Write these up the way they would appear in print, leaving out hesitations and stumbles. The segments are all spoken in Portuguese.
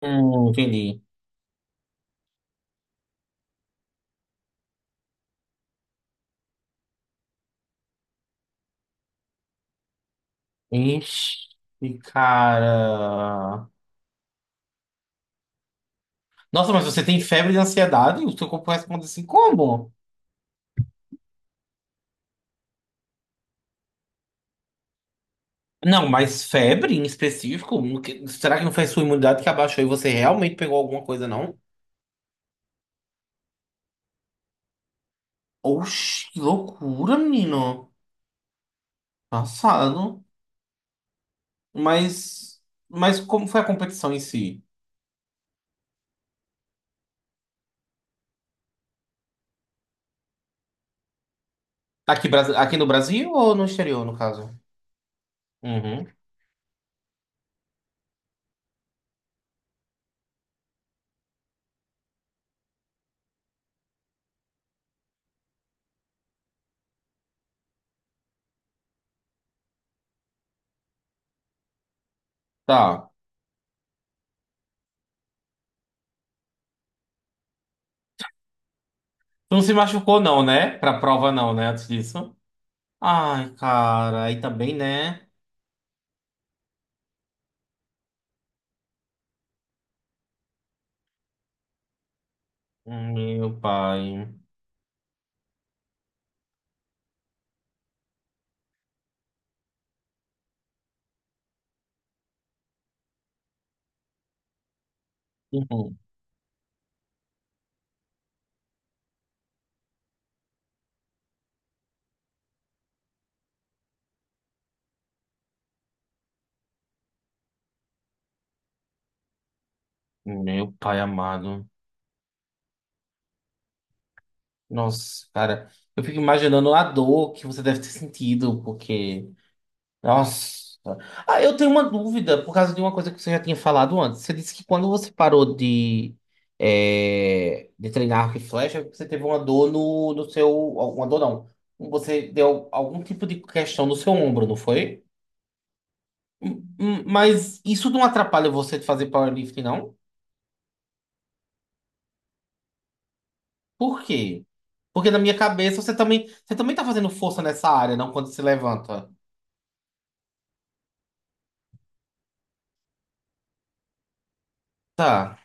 Entendi. Ixi, cara. Nossa, mas você tem febre de ansiedade? O seu corpo responde assim, como? Não, mas febre em específico? Será que não foi sua imunidade que abaixou e você realmente pegou alguma coisa, não? Oxi, que loucura, menino. Passado. Mas, mas como foi a competição em si? Aqui no Brasil ou no exterior, no caso? Uhum. Tá. Tu não se machucou, não, né? Pra prova, não, né? Antes disso. Ai, cara, aí também, né? Meu pai. Uhum. Meu pai amado. Nossa, cara, eu fico imaginando a dor que você deve ter sentido, porque. Nossa. Ah, eu tenho uma dúvida por causa de uma coisa que você já tinha falado antes. Você disse que quando você parou de treinar arco e flecha, você teve uma dor no seu. Uma dor não. Você deu algum tipo de questão no seu ombro, não foi? Mas isso não atrapalha você de fazer powerlifting, não? Por quê? Porque na minha cabeça você também tá fazendo força nessa área, não? Quando se levanta. Tá.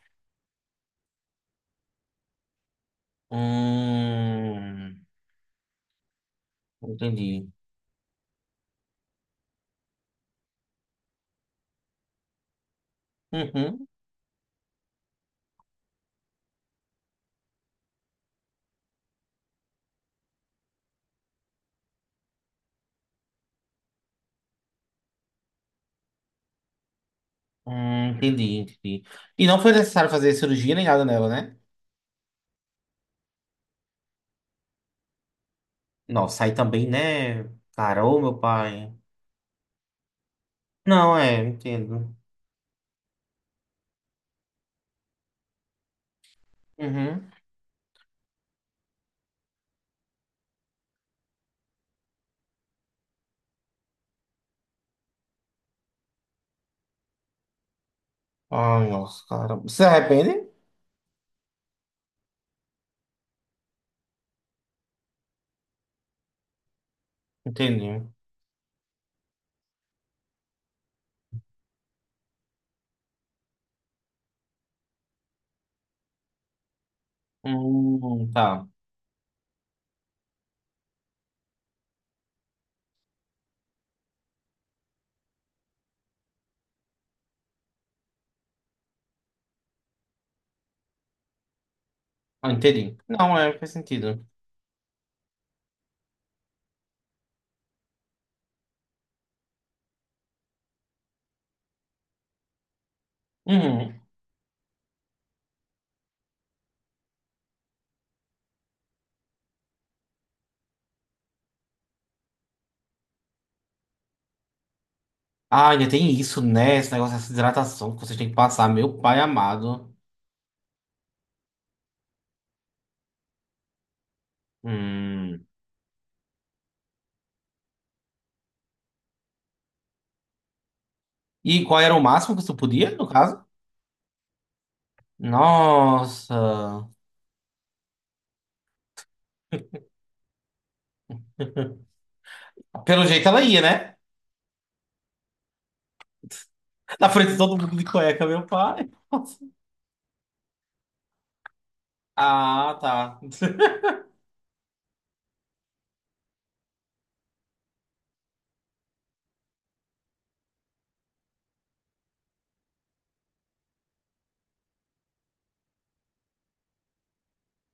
Hum, entendi. Uhum. Entendi, entendi. E não foi necessário fazer cirurgia nem nada nela, né? Nossa, aí também, né? Cara, ô meu pai. Não, é, entendo. Uhum. Ai, nossa, cara. Você se arrepende? Entendi. Tá. Ah, entendi. Não, é, faz sentido. Uhum. Ah, ainda tem isso, né? Esse negócio dessa hidratação que vocês têm que passar, meu pai amado. Hum. E qual era o máximo que tu podia, no caso? Nossa. Pelo jeito ela ia, né? Na frente de todo mundo de cueca, meu pai. Nossa. Ah, tá.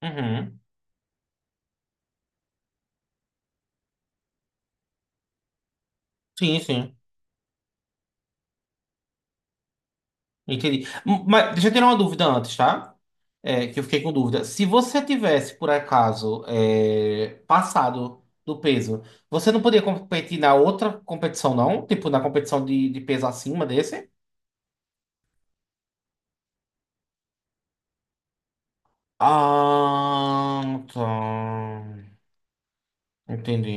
Uhum. Sim, sim. Entendi. Mas deixa eu tirar uma dúvida antes, tá? Que eu fiquei com dúvida. Se você tivesse, por acaso, passado do peso, você não poderia competir na outra competição, não? Tipo, na competição de peso acima desse? Ah, tá. Entendi.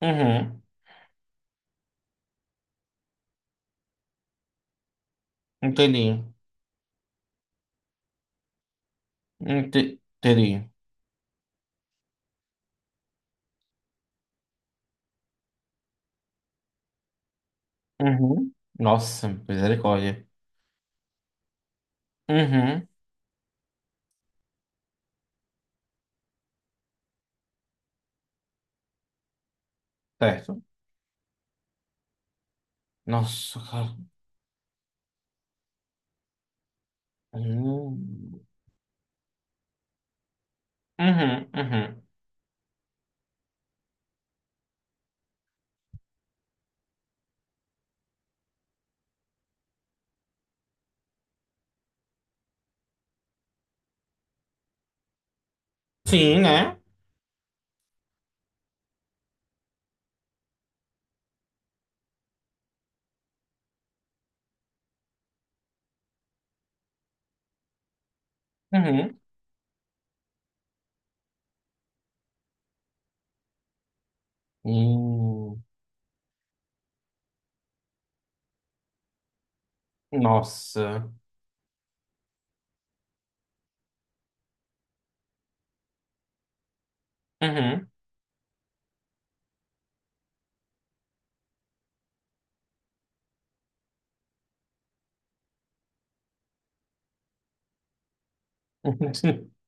Uhum. Entendi. Entendi. Uhum. Nossa, misericórdia. Uhum. Certo. Nossa, cara. Hum. Uhum, uhum. Sim, né? Uhum. Hum. Nossa. Uhum.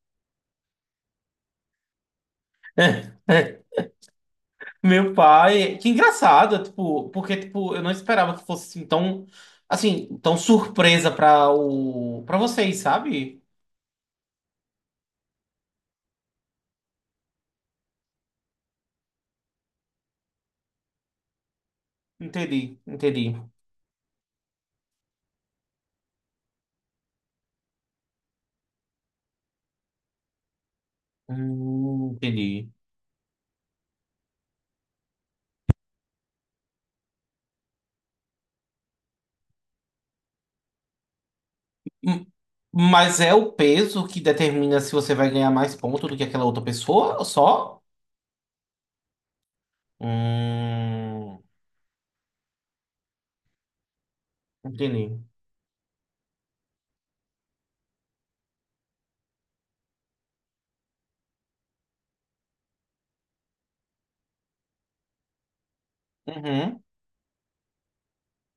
Meu pai, que engraçado, tipo, porque tipo, eu não esperava que fosse assim, tão surpresa para o para vocês, sabe? Entendi, entendi. Entendi. Hum, Mas é o peso que determina se você vai ganhar mais ponto do que aquela outra pessoa, só? Hum, entendi. Uhum,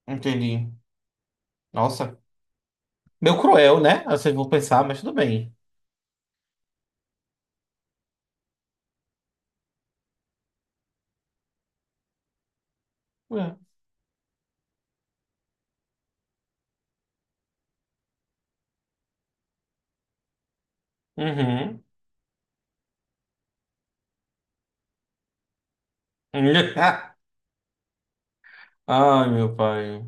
entendi. Nossa. Meio cruel, né? Vocês vão pensar, mas tudo bem. É. Uhum. Ai, meu pai.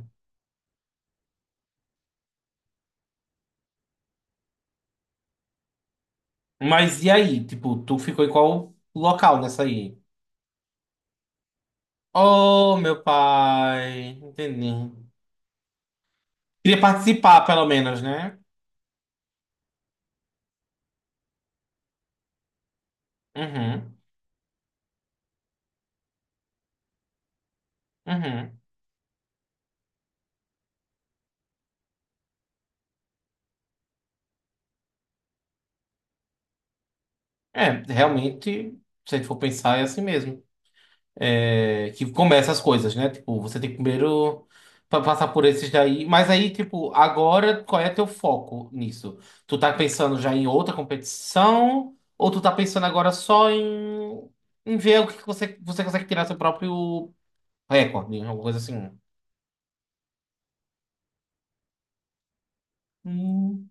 Mas e aí? Tipo, tu ficou em qual local nessa aí? Oh, meu pai. Entendi. Queria participar, pelo menos, né? Uhum. Uhum. É, realmente, se a gente for pensar, é assim mesmo. É, que começa as coisas, né? Tipo, você tem que primeiro passar por esses daí. Mas aí, tipo, agora qual é teu foco nisso? Tu tá pensando já em outra competição? Ou tu tá pensando agora só em, em ver o que que você consegue tirar seu próprio recorde, né? Alguma coisa assim? Hum,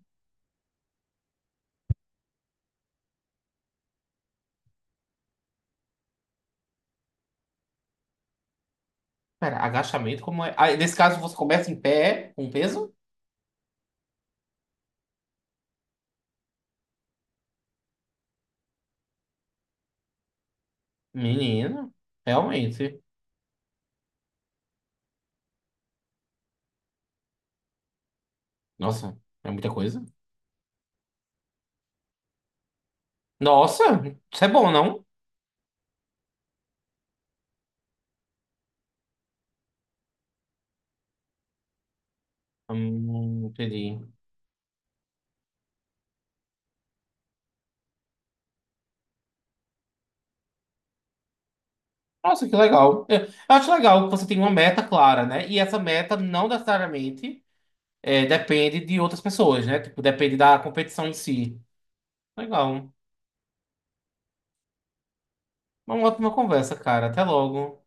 pera, agachamento como é? Ah, nesse caso, você começa em pé com peso? Menino, realmente. Nossa, é muita coisa. Nossa, isso é bom, não? Entendi. Nossa, que legal. É, eu acho legal que você tem uma meta clara, né? E essa meta não necessariamente depende de outras pessoas, né? Tipo, depende da competição em si. Legal. Uma ótima conversa, cara. Até logo.